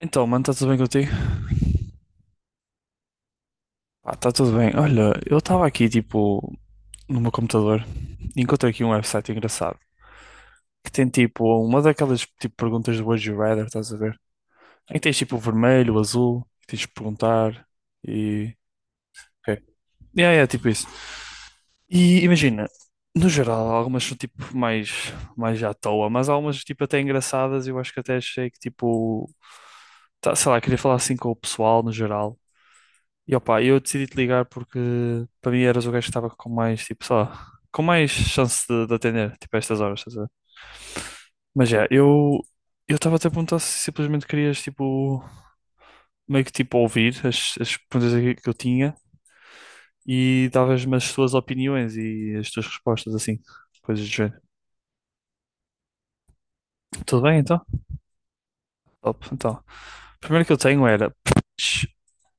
Então, mano, está tudo bem contigo? Pá, está tudo bem. Olha, eu estava aqui, tipo, no meu computador e encontrei aqui um website engraçado que tem, tipo, uma daquelas, tipo, perguntas do Would You Rather, estás a ver? Em que tens, tipo, o vermelho, o azul, que tens de perguntar e... Ok. É, é, tipo isso. E imagina, no geral, algumas são, tipo, mais, mais à toa, mas algumas, tipo, até engraçadas, eu acho que até achei que, tipo... sei lá, queria falar assim com o pessoal no geral. E opa, eu decidi te ligar porque para mim eras o gajo que estava com mais, tipo, só, com mais chance de atender, tipo, a estas horas, estás a ver? Mas é, eu estava até a perguntar se simplesmente querias, tipo, meio que tipo ouvir as, as perguntas aqui que eu tinha e davas-me as tuas opiniões e as tuas respostas, assim, coisas do género. Tudo bem, então? Top, então. A primeira que eu tenho era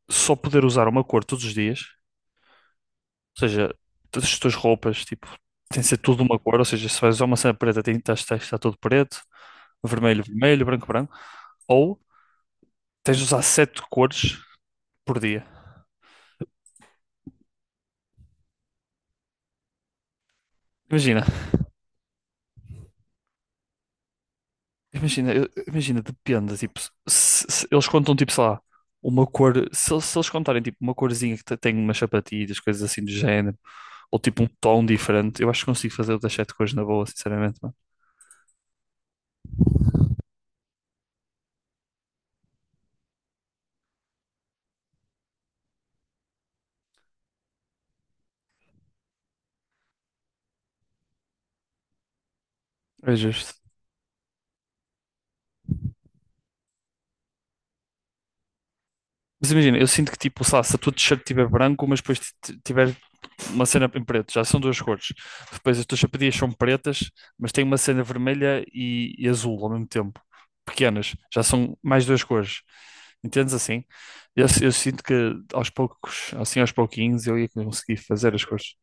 só poder usar uma cor todos os dias. Ou seja, todas as tuas roupas, tipo, tem de ser tudo de uma cor. Ou seja, se vais usar uma cena preta, tem que estar tudo preto, vermelho, vermelho, branco, branco. Ou tens de usar sete cores por dia. Imagina, imagina, depende. Tipo, se eles contam, tipo, sei lá, uma cor. Se eles contarem, tipo, uma corzinha tem umas sapatilhas, coisas assim do género, ou tipo um tom diferente, eu acho que consigo fazer outras sete cores na boa, sinceramente, mano. É justo. Mas imagina, eu sinto que tipo, sei lá, se a tua t-shirt estiver branco, mas depois tiver uma cena em preto, já são duas cores. Depois as tuas sapatilhas são pretas, mas tem uma cena vermelha e azul ao mesmo tempo, pequenas, já são mais duas cores. Entendes assim? Eu sinto que aos poucos, assim aos pouquinhos, eu ia conseguir fazer as coisas.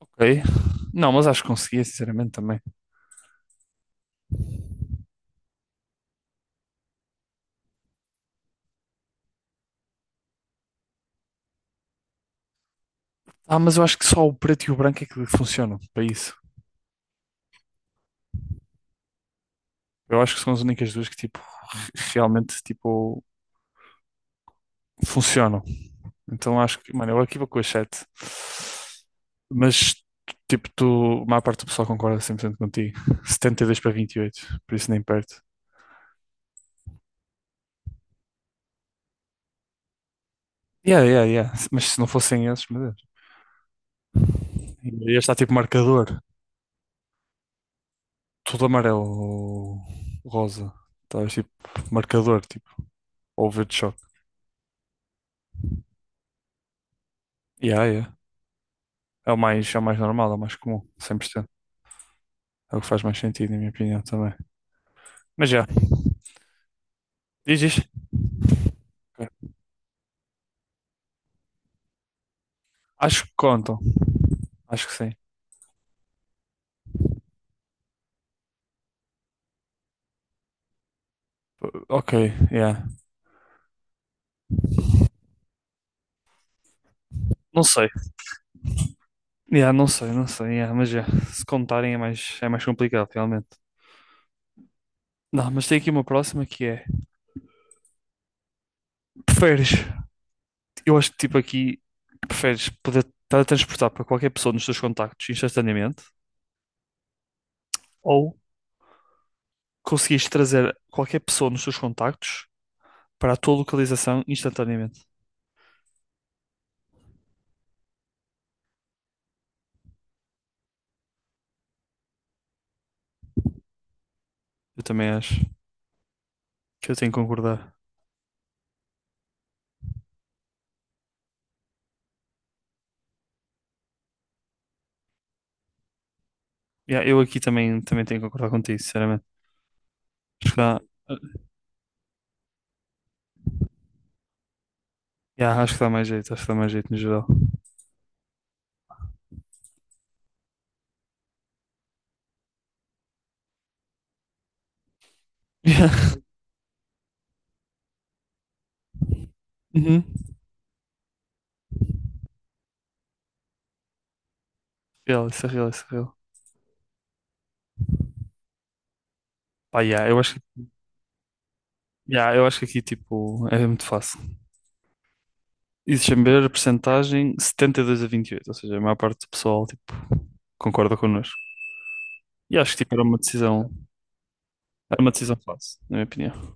Ok? Não, mas acho que conseguia, sinceramente, também. Ah, mas eu acho que só o preto e o branco é que funcionam para isso. Eu acho que são as únicas duas que, tipo, realmente, tipo, funcionam. Então acho que, mano, eu aqui vou com as sete. Mas, tipo, tu, a maior parte do pessoal concorda 100% contigo. 72-28. Por isso nem perto. Yeah, yeah, yeah. Mas se não fossem esses, meu Deus. Ia estar tipo, marcador. Tudo amarelo, rosa. Talvez, tipo, marcador, tipo, ou verde choque. Yeah, yeah. É o mais normal, é o mais comum, 100%. É o que faz mais sentido, na minha opinião, também. Mas já, diz. Ok. Acho que contam. Acho que sim. Ok, yeah. Não sei. Yeah, não sei, não sei. Yeah, mas já, se contarem é mais complicado, realmente. Não, mas tem aqui uma próxima que é: preferes, eu acho que tipo aqui, preferes poder teletransportar para qualquer pessoa nos teus contactos instantaneamente ou conseguires trazer qualquer pessoa nos teus contactos para a tua localização instantaneamente? Eu também acho que eu tenho que concordar. Yeah, eu aqui também, tenho que concordar contigo, sinceramente. Acho que dá, yeah, acho que dá mais jeito, acho que dá mais jeito no geral. Yeah. Uhum. Real, isso é real, isso é real. Pá, yeah, yeah, eu acho que aqui tipo, é muito fácil. E deixa-me ver a percentagem, 72 a 28, ou seja, a maior parte do pessoal tipo, concorda connosco. E acho que tipo, era uma decisão fácil, na minha opinião.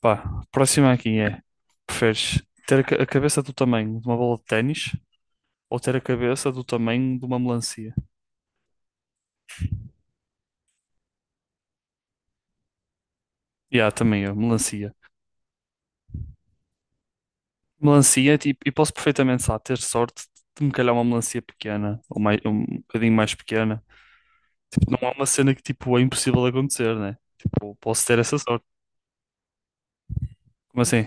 Pá, próxima aqui é: preferes ter a cabeça do tamanho de uma bola de ténis ou ter a cabeça do tamanho de uma melancia? Yeah, também eu, melancia. Melancia, é tipo, e posso perfeitamente, sabe, ter sorte de me calhar uma melancia pequena ou mais, um bocadinho mais pequena. Tipo, não é uma cena que, tipo, é impossível de acontecer, né? Tipo, posso ter essa sorte. Como assim?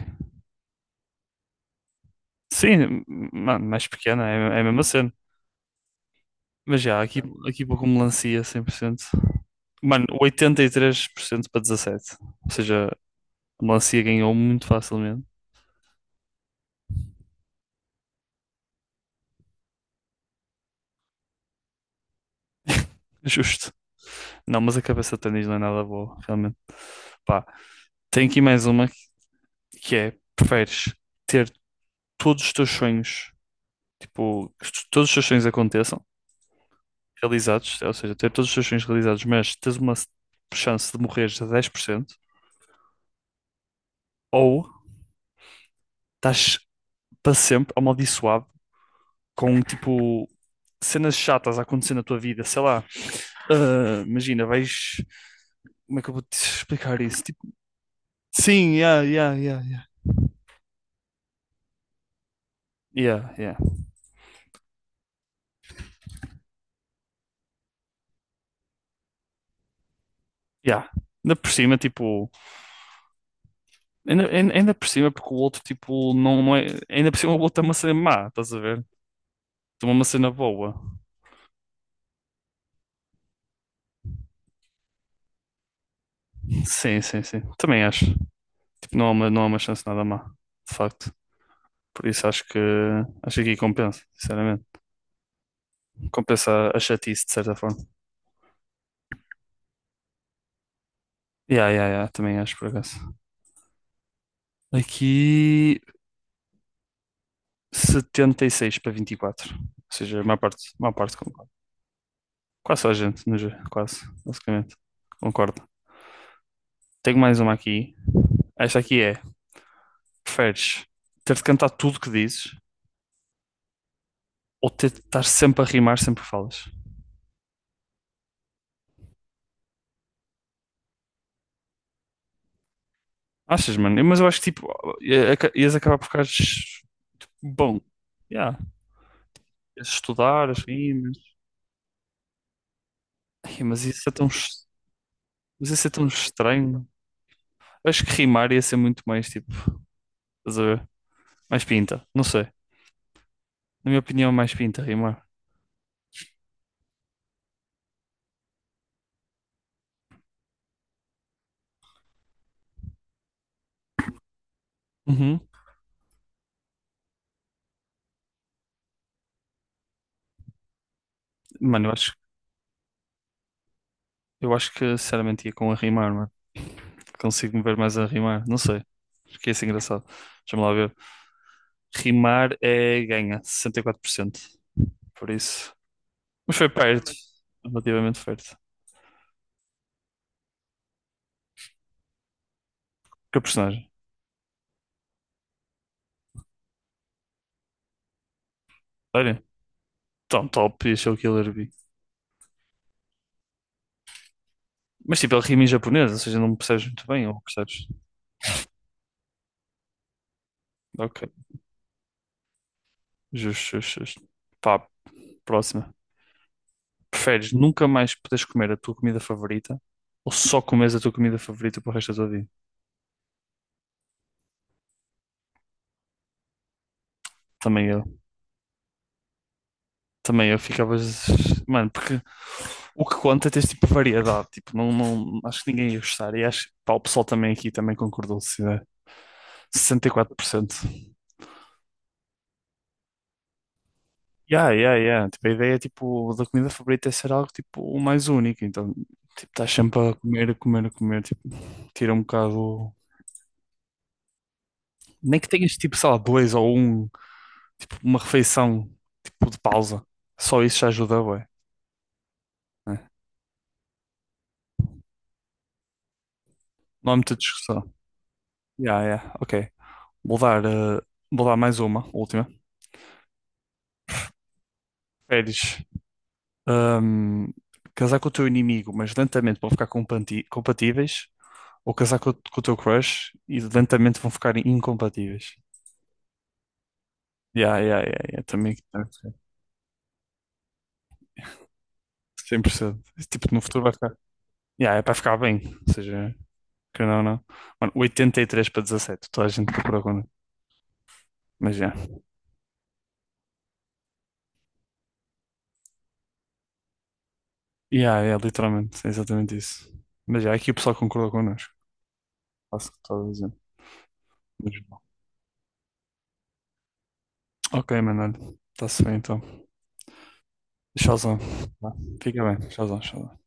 Sim, mano, mais pequena, é, é a mesma cena. Mas já, aqui, aqui vou com melancia 100%. Mano, 83% para 17%. Ou seja, o Lancia ganhou muito facilmente. Justo. Não, mas a cabeça de ténis não é nada boa, realmente. Pá, tem aqui mais uma que é: preferes ter todos os teus sonhos, tipo, todos os teus sonhos aconteçam, realizados, ou seja, ter todos os teus sonhos realizados, mas tens uma chance de morreres a 10% ou estás para sempre amaldiçoado com, tipo, cenas chatas a acontecer na tua vida, sei lá. Ah, imagina, vais. Como é que eu vou te explicar isso? Sim, yeah, yeah, yeah, yeah. Yeah, yeah, yeah. Ainda por cima, tipo, ainda por cima, porque o outro, tipo, não, não é. Ainda por cima, o outro é uma cena má, estás a ver? Toma uma cena boa. Sim, sim, sim. Também acho. Tipo, não há uma chance nada má, de facto. Por isso acho que aqui compensa, sinceramente. Compensa a chatice, de certa forma. Yeah, yeah, yeah, também acho, por acaso. Aqui 76-24. Ou seja, a maior parte quase só a gente, no ge- quase, basicamente. Concordo. Tenho mais uma aqui. Esta aqui é: preferes ter de cantar tudo que dizes ou ter de estar sempre a rimar sempre que falas? Achas, mano? Mas eu acho que tipo, ias acabar por ficar bom. Yeah. Ias estudar as rimas. Ai, mas isso é mas isso é tão estranho. Eu acho que rimar ia ser muito mais tipo, estás a ver? Mais pinta, não sei. Na minha opinião, é mais pinta rimar. Uhum. Mano, eu acho que sinceramente ia com a rimar, mano. Consigo me ver mais a rimar? Não sei. Fiquei assim engraçado. Deixa-me lá ver. Rimar é ganha, 64%. Por cento. Por isso. Mas foi perto. Relativamente perto. Que personagem? Olha. Tão top e achou que Killer Bee. Mas tipo, ele rima em japonês, ou seja, não percebes muito bem, ou percebes? Ok. Justo, justo, justo. Pá, próxima. Preferes nunca mais poderes comer a tua comida favorita ou só comes a tua comida favorita para o resto da tua vida? Também eu. Também eu ficava. Mano, porque. O que conta é ter tipo variedade, tipo, não, não, acho que ninguém ia gostar. E acho que pá, o pessoal também aqui também concordou, se tiver 64, né? 64%. Yeah, yeah, yeah. Tipo, a ideia tipo, da comida favorita é ser algo tipo o mais único. Então, tipo, estás sempre a comer, a comer, a comer, tipo, tira um bocado. Nem que tenhas tipo, sei lá, dois ou um, tipo, uma refeição tipo de pausa. Só isso já ajuda, ué. Né? Não há muita discussão. Yeah, yeah, ok. Vou dar, eh, vou dar mais uma, última. Preferes hum, casar com o teu inimigo, mas lentamente vão ficar compatíveis, ou casar com o teu crush e lentamente vão ficar incompatíveis. Yeah, yeah, yeah, yeah, também 100%. Tipo, no futuro vai ficar. Yeah, é para ficar bem, ou seja, que não, não. Mano, 83-17. Toda a gente concordou connosco. Mas já. Yeah. Yeah, yeah, literalmente, é exatamente isso. Mas já, yeah, aqui o pessoal concordou connosco. Faço o que estava a dizer. Mas, ok, mano, olha, está-se bem então. Tchauzão. Vá, fica bem, tchauzão, tchauzão.